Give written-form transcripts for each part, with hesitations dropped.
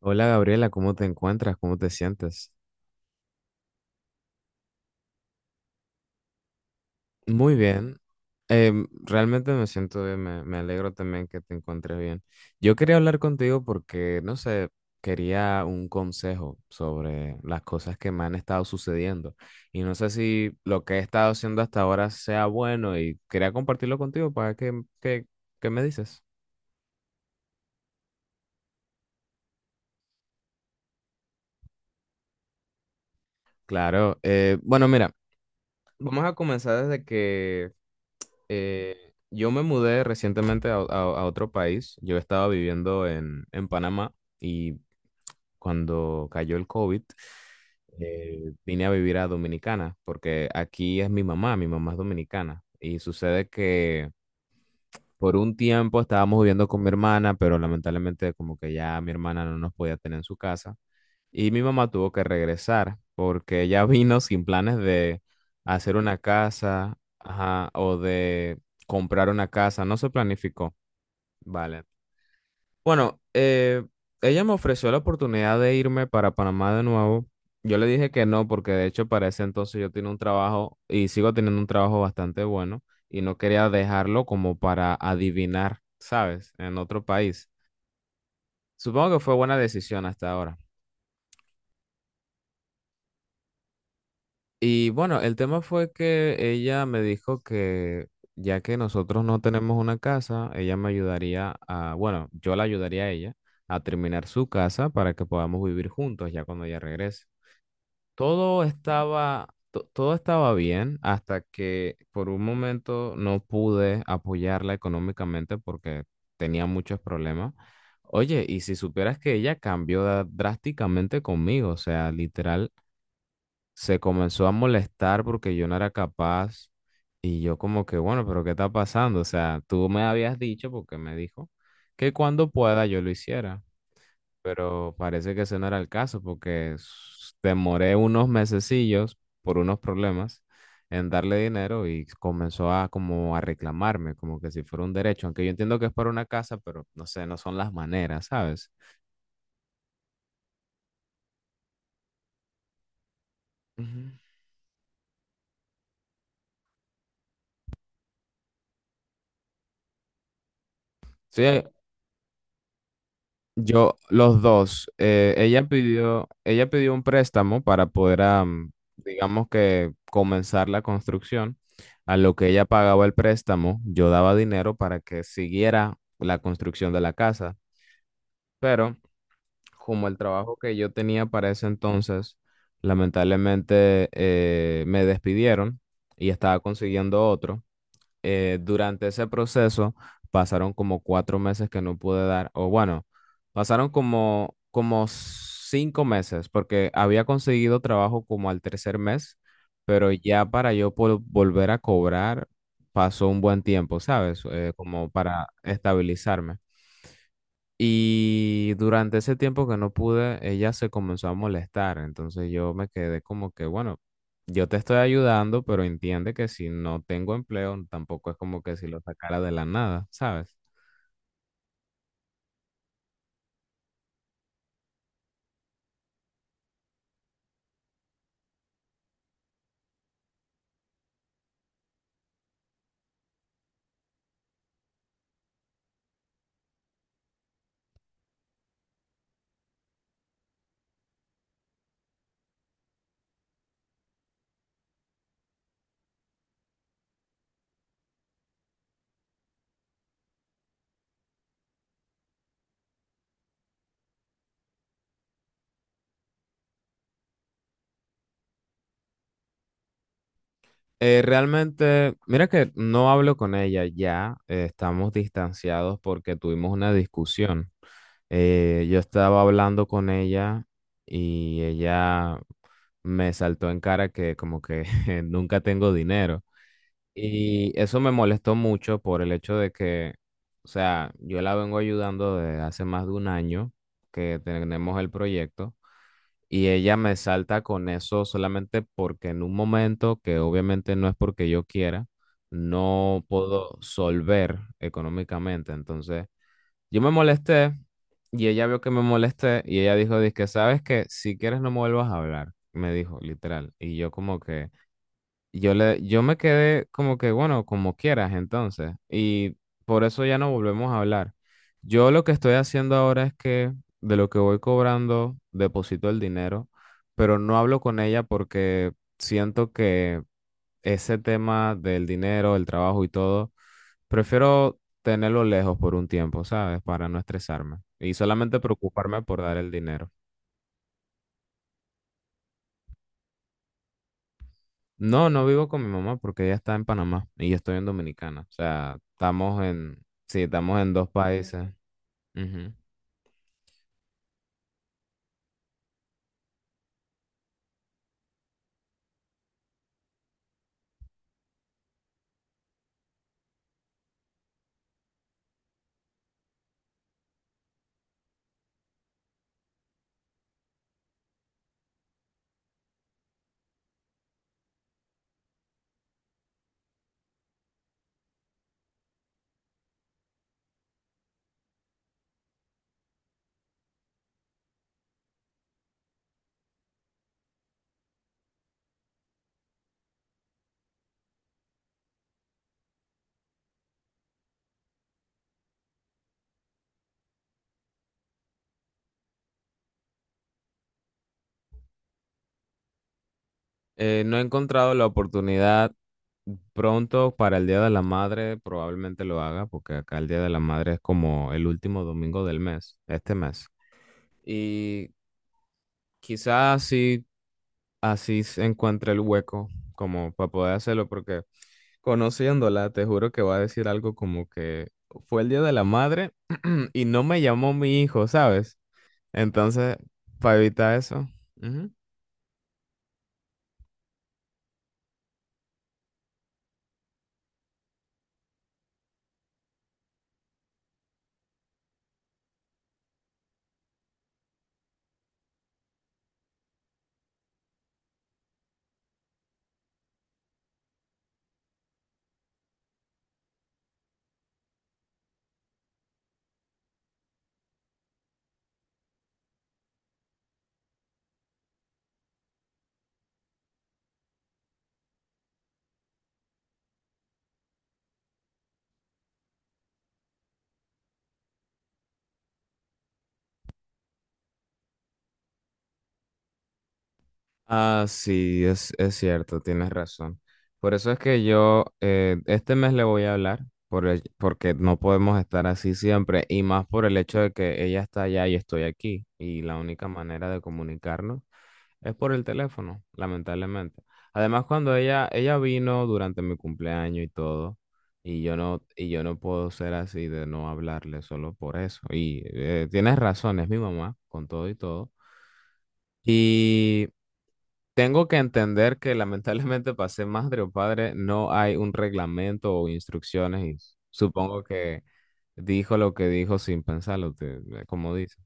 Hola Gabriela, ¿cómo te encuentras? ¿Cómo te sientes? Muy bien. Realmente me siento bien, me alegro también que te encuentres bien. Yo quería hablar contigo porque, no sé, quería un consejo sobre las cosas que me han estado sucediendo y no sé si lo que he estado haciendo hasta ahora sea bueno y quería compartirlo contigo para que. ¿Qué me dices? Claro, bueno, mira, vamos a comenzar desde que Eh, yo me mudé recientemente a otro país. Yo estaba viviendo en Panamá y cuando cayó el COVID, vine a vivir a Dominicana porque aquí es mi mamá es dominicana. Y sucede que por un tiempo estábamos viviendo con mi hermana, pero lamentablemente como que ya mi hermana no nos podía tener en su casa. Y mi mamá tuvo que regresar porque ella vino sin planes de hacer una casa, ajá, o de comprar una casa, no se planificó. Vale. Bueno, ella me ofreció la oportunidad de irme para Panamá de nuevo. Yo le dije que no, porque de hecho para ese entonces yo tenía un trabajo y sigo teniendo un trabajo bastante bueno y no quería dejarlo como para adivinar, ¿sabes? En otro país. Supongo que fue buena decisión hasta ahora. Y bueno, el tema fue que ella me dijo que ya que nosotros no tenemos una casa, ella me ayudaría a, bueno, yo la ayudaría a ella a terminar su casa para que podamos vivir juntos ya cuando ella regrese. Todo estaba bien hasta que por un momento no pude apoyarla económicamente porque tenía muchos problemas. Oye, y si supieras que ella drásticamente conmigo, o sea, literal, se comenzó a molestar porque yo no era capaz y yo como que, bueno, pero ¿qué está pasando? O sea, tú me habías dicho, porque me dijo, que cuando pueda yo lo hiciera, pero parece que ese no era el caso porque demoré unos mesecillos por unos problemas en darle dinero y comenzó a como a reclamarme, como que si fuera un derecho, aunque yo entiendo que es para una casa, pero no sé, no son las maneras, ¿sabes? Ujú. Sí, yo, los dos, ella pidió un préstamo para poder, digamos que, comenzar la construcción. A lo que ella pagaba el préstamo, yo daba dinero para que siguiera la construcción de la casa. Pero como el trabajo que yo tenía para ese entonces, lamentablemente me despidieron y estaba consiguiendo otro durante ese proceso pasaron como cuatro meses que no pude dar, o bueno, pasaron como cinco meses, porque había conseguido trabajo como al tercer mes, pero ya para yo volver a cobrar pasó un buen tiempo, ¿sabes? Como para estabilizarme. Y durante ese tiempo que no pude, ella se comenzó a molestar. Entonces yo me quedé como que, bueno, yo te estoy ayudando, pero entiende que si no tengo empleo, tampoco es como que si lo sacara de la nada, ¿sabes? Realmente, mira que no hablo con ella ya, estamos distanciados porque tuvimos una discusión. Yo estaba hablando con ella y ella me saltó en cara que como que nunca tengo dinero. Y eso me molestó mucho por el hecho de que, o sea, yo la vengo ayudando desde hace más de un año que tenemos el proyecto y ella me salta con eso solamente porque en un momento que obviamente no es porque yo quiera, no puedo solver económicamente. Entonces, yo me molesté y ella vio que me molesté y ella dijo, que ¿sabes que Si quieres no me vuelvas a hablar, me dijo, literal. Y yo como que... yo me quedé como que, bueno, como quieras entonces. Y por eso ya no volvemos a hablar. Yo lo que estoy haciendo ahora es que de lo que voy cobrando, deposito el dinero, pero no hablo con ella porque siento que ese tema del dinero, el trabajo y todo, prefiero tenerlo lejos por un tiempo, ¿sabes? Para no estresarme y solamente preocuparme por dar el dinero. No vivo con mi mamá porque ella está en Panamá y yo estoy en Dominicana. O sea, sí, estamos en dos países. Ujú. No he encontrado la oportunidad pronto para el Día de la Madre, probablemente lo haga porque acá el Día de la Madre es como el último domingo del mes, este mes. Y quizás así se encuentre el hueco como para poder hacerlo porque, conociéndola, te juro que va a decir algo como que fue el día de la madre y no me llamó mi hijo, ¿sabes? Entonces, para evitar eso. Ujú. Ah, sí, es cierto, tienes razón. Por eso es que yo este mes le voy a hablar, porque no podemos estar así siempre, y más por el hecho de que ella está allá y estoy aquí, y la única manera de comunicarnos es por el teléfono, lamentablemente. Además, ella vino durante mi cumpleaños y todo, y yo no puedo ser así de no hablarle solo por eso. Y tienes razón, es mi mamá, con todo y todo. Tengo que entender que lamentablemente para ser madre o padre no hay un reglamento o instrucciones y supongo que dijo lo que dijo sin pensarlo, como dice.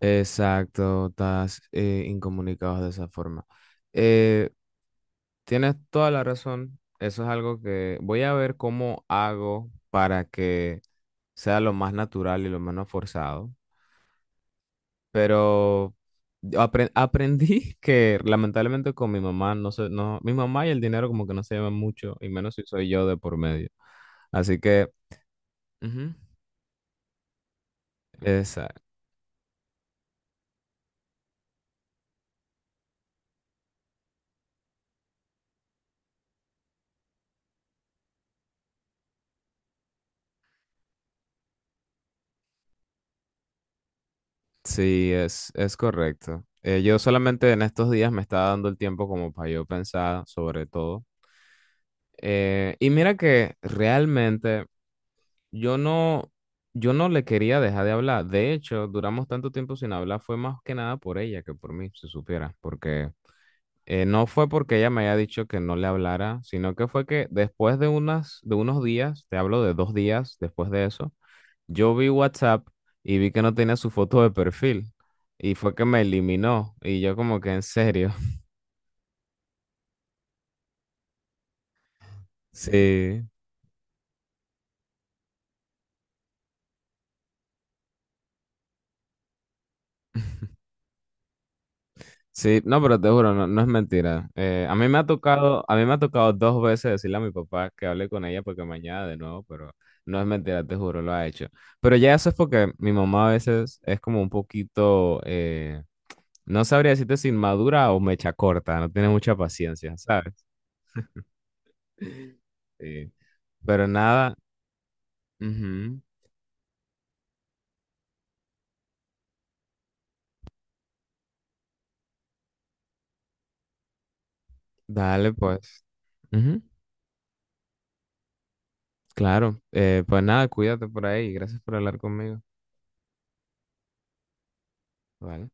Exacto, estás incomunicado de esa forma. Eh, tienes toda la razón. Eso es algo que voy a ver cómo hago para que sea lo más natural y lo menos forzado. Pero aprendí que lamentablemente con mi mamá no sé, no, mi mamá y el dinero como que no se llevan mucho, y menos si soy yo de por medio. Así que, ujú, esa- sí, es correcto. Yo solamente en estos días me estaba dando el tiempo como para yo pensar sobre todo. Y mira que realmente yo no, yo no le quería dejar de hablar. De hecho, duramos tanto tiempo sin hablar, fue más que nada por ella que por mí, si supiera, porque no fue porque ella me haya dicho que no le hablara, sino que fue que después de de unos días, te hablo de dos días después de eso, yo vi WhatsApp y vi que no tenía su foto de perfil y fue que me eliminó y yo como que en serio. Sí, sí, no, pero te juro, no, no es mentira. A mí me ha tocado dos veces decirle a mi papá que hable con ella porque mañana de nuevo, pero no es mentira, te juro, lo ha hecho. Pero ya eso es porque mi mamá a veces es como un poquito... no sabría decirte si inmadura o mecha corta, no tiene mucha paciencia, ¿sabes? Sí. Pero nada, ujú, dale pues. Ujú, claro, pues nada, cuídate por ahí, gracias por hablar conmigo. Vale.